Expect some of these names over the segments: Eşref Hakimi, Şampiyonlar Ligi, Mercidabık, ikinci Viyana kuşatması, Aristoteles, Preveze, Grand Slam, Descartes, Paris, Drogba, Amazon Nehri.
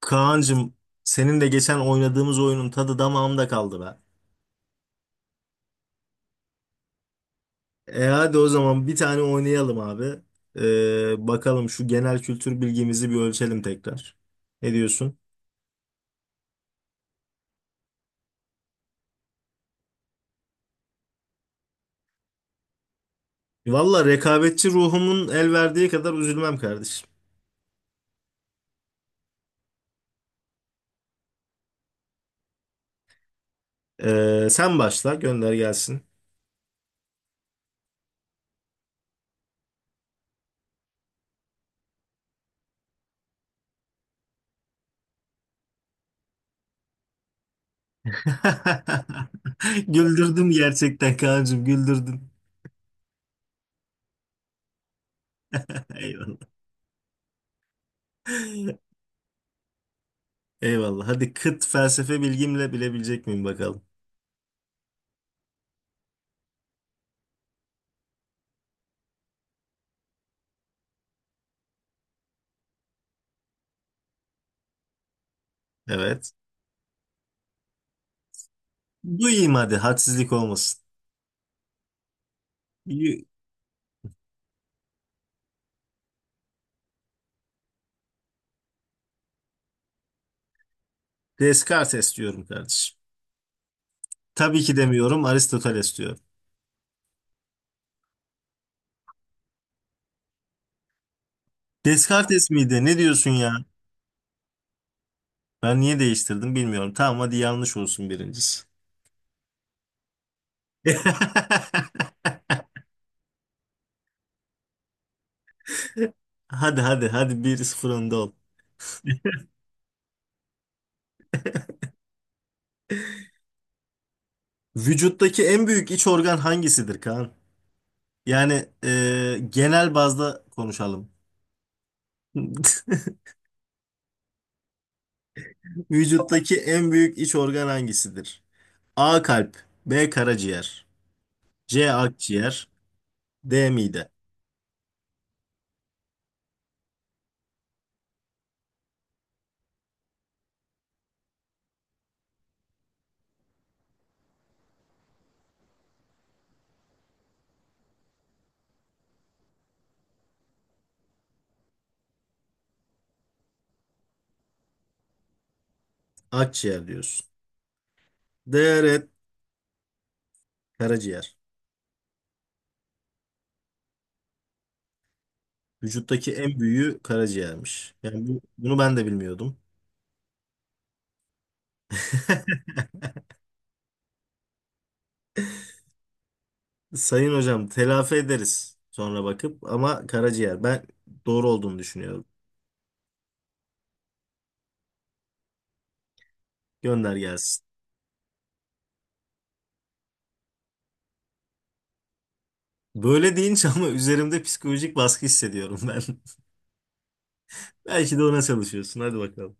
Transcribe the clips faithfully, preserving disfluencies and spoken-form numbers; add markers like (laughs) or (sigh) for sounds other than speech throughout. Kaan'cığım senin de geçen oynadığımız oyunun tadı damağımda kaldı be. E hadi o zaman bir tane oynayalım abi. Ee, bakalım şu genel kültür bilgimizi bir ölçelim tekrar. Ne diyorsun? Valla rekabetçi ruhumun el verdiği kadar üzülmem kardeşim. Ee, sen başla gönder gelsin. (laughs) Güldürdüm gerçekten Kaan'cığım güldürdün. (laughs) Eyvallah. Eyvallah. Hadi kıt felsefe bilgimle bilebilecek miyim bakalım. Evet. Duyayım hadi hadsizlik olmasın. Y- Descartes diyorum kardeşim. Tabii ki demiyorum, Aristoteles diyorum. Descartes miydi? Ne diyorsun ya? Ben niye değiştirdim bilmiyorum. Tamam hadi yanlış olsun birincisi. (laughs) Hadi hadi hadi bir sıfır önde ol. Vücuttaki en büyük iç organ hangisidir Kaan? Yani e, genel bazda konuşalım. (laughs) Vücuttaki en büyük iç organ hangisidir? A kalp, B karaciğer, C akciğer, D mide. Akciğer diyorsun. D red karaciğer. Vücuttaki en büyüğü karaciğermiş. Yani bu, bunu ben de bilmiyordum. (laughs) Sayın hocam telafi ederiz sonra bakıp ama karaciğer ben doğru olduğunu düşünüyorum. Gönder gelsin. Böyle deyince ama üzerimde psikolojik baskı hissediyorum ben. (laughs) Belki de ona çalışıyorsun. Hadi bakalım.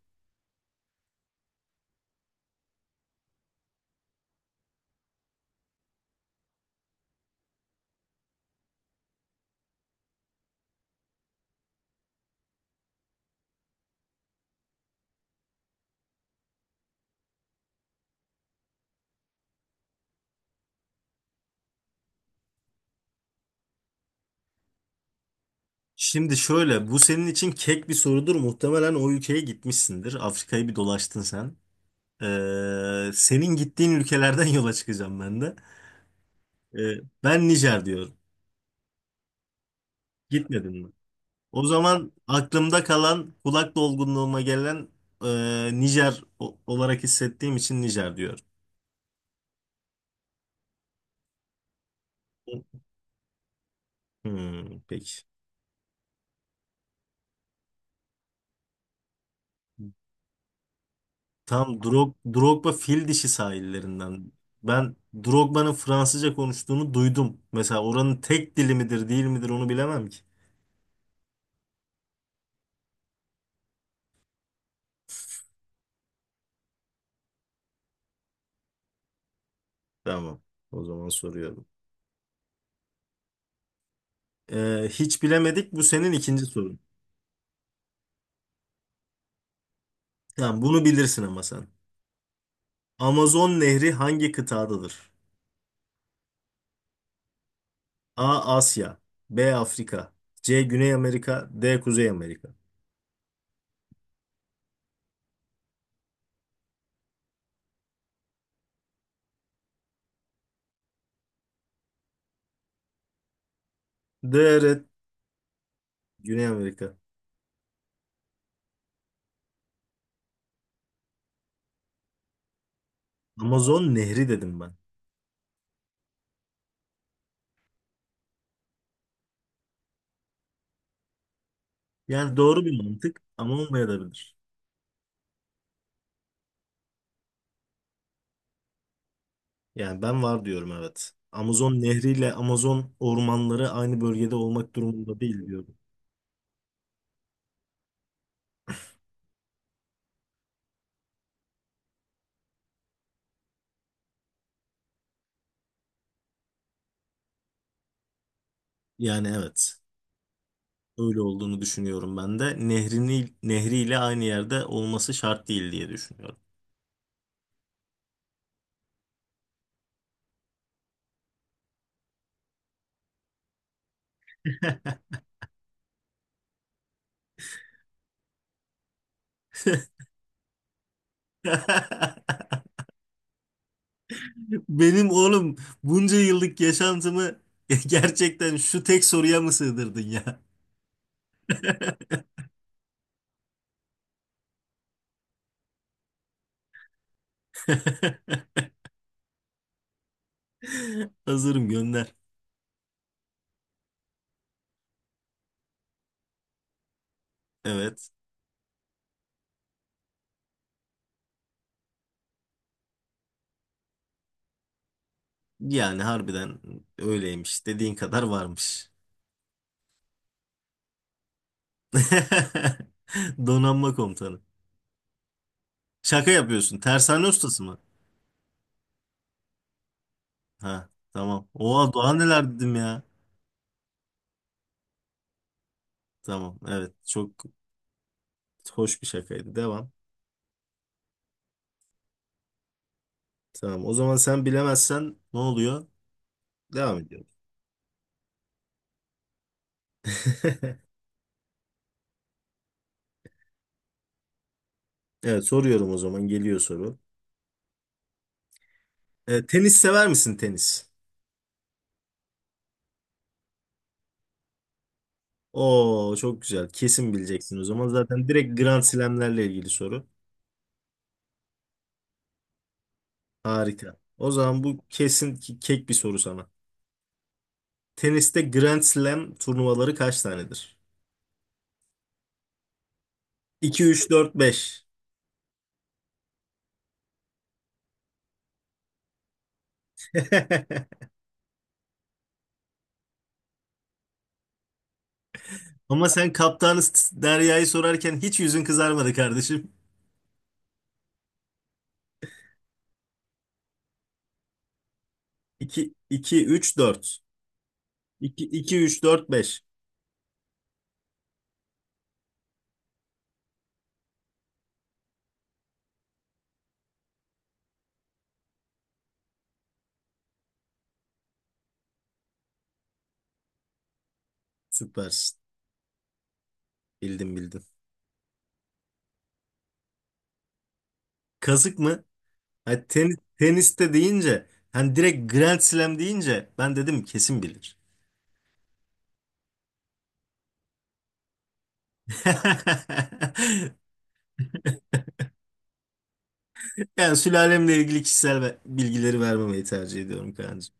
Şimdi şöyle bu senin için kek bir sorudur. Muhtemelen o ülkeye gitmişsindir. Afrika'yı bir dolaştın sen. Ee, senin gittiğin ülkelerden (laughs) yola çıkacağım ben de. Ee, ben Nijer diyorum. Gitmedin mi? O zaman aklımda kalan kulak dolgunluğuma gelen e, Nijer o- olarak hissettiğim için Nijer diyor. Hmm, peki. Tam Drog Drogba fil dişi sahillerinden. Ben Drogba'nın Fransızca konuştuğunu duydum. Mesela oranın tek dili midir değil midir onu bilemem ki. Tamam. O zaman soruyorum. Ee, hiç bilemedik. Bu senin ikinci sorun. Tamam, bunu bilirsin ama sen. Amazon Nehri hangi kıtadadır? A. Asya B. Afrika C. Güney Amerika D. Kuzey Amerika D. Evet, Güney Amerika Amazon Nehri dedim ben. Yani doğru bir mantık ama olmayabilir. Yani ben var diyorum, evet. Amazon Nehri ile Amazon ormanları aynı bölgede olmak durumunda değil diyorum. Yani evet. Öyle olduğunu düşünüyorum ben de. Nehrini, nehriyle aynı yerde olması şart değil diye düşünüyorum. (laughs) Benim oğlum bunca yıllık yaşantımı (laughs) gerçekten şu tek soruya mı sığdırdın ya? (laughs) Hazırım gönder. Evet. Yani harbiden öyleymiş. Dediğin kadar varmış. (laughs) Donanma komutanı. Şaka yapıyorsun. Tersane ustası mı? Ha, tamam. Oha daha neler dedim ya. Tamam. Evet. Çok hoş bir şakaydı. Devam. Tamam. O zaman sen bilemezsen ne oluyor? Devam ediyorum. (laughs) Evet, soruyorum o zaman, geliyor soru. E, tenis sever misin tenis? Oo çok güzel. Kesin bileceksin o zaman. Zaten direkt Grand Slam'lerle ilgili soru. Harika. O zaman bu kesin ki kek bir soru sana. Teniste Grand Slam turnuvaları kaç tanedir? iki, üç dört beş. (laughs) Ama sen kaptanı S- Derya'yı sorarken hiç yüzün kızarmadı kardeşim. iki, iki üç dört iki iki üç dört beş. Süpersin. Bildim bildim. Kazık mı? Hani ten, teniste deyince hani direkt Grand Slam deyince ben dedim kesin bilir. (laughs) Yani sülalemle ilgili kişisel ve- bilgileri vermemeyi tercih ediyorum Kaan'cığım.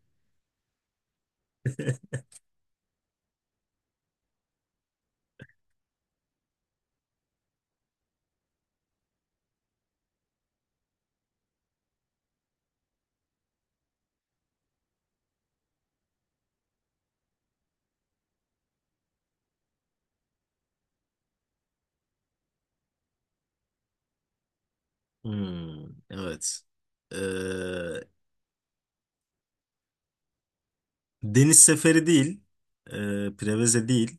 Hmm, evet. Ee, Deniz Seferi değil. ee, Preveze değil.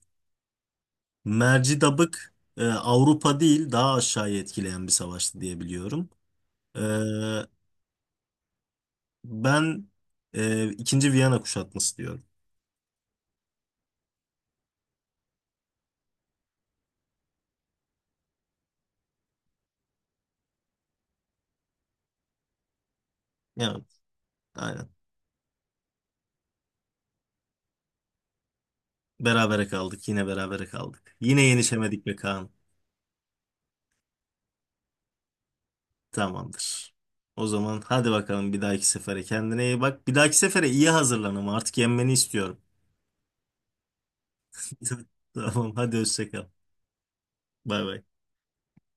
Mercidabık ee, Avrupa değil daha aşağıya etkileyen bir savaştı diye biliyorum. Ee, Ben ee, ikinci Viyana kuşatması diyorum. Evet, aynen. Berabere kaldık. Yine berabere kaldık. Yine yenişemedik be Kaan. Tamamdır. O zaman hadi bakalım bir dahaki sefere kendine iyi bak. Bir dahaki sefere iyi hazırlan ama artık yenmeni istiyorum. (laughs) Tamam hadi hoşça kal. Bay bay.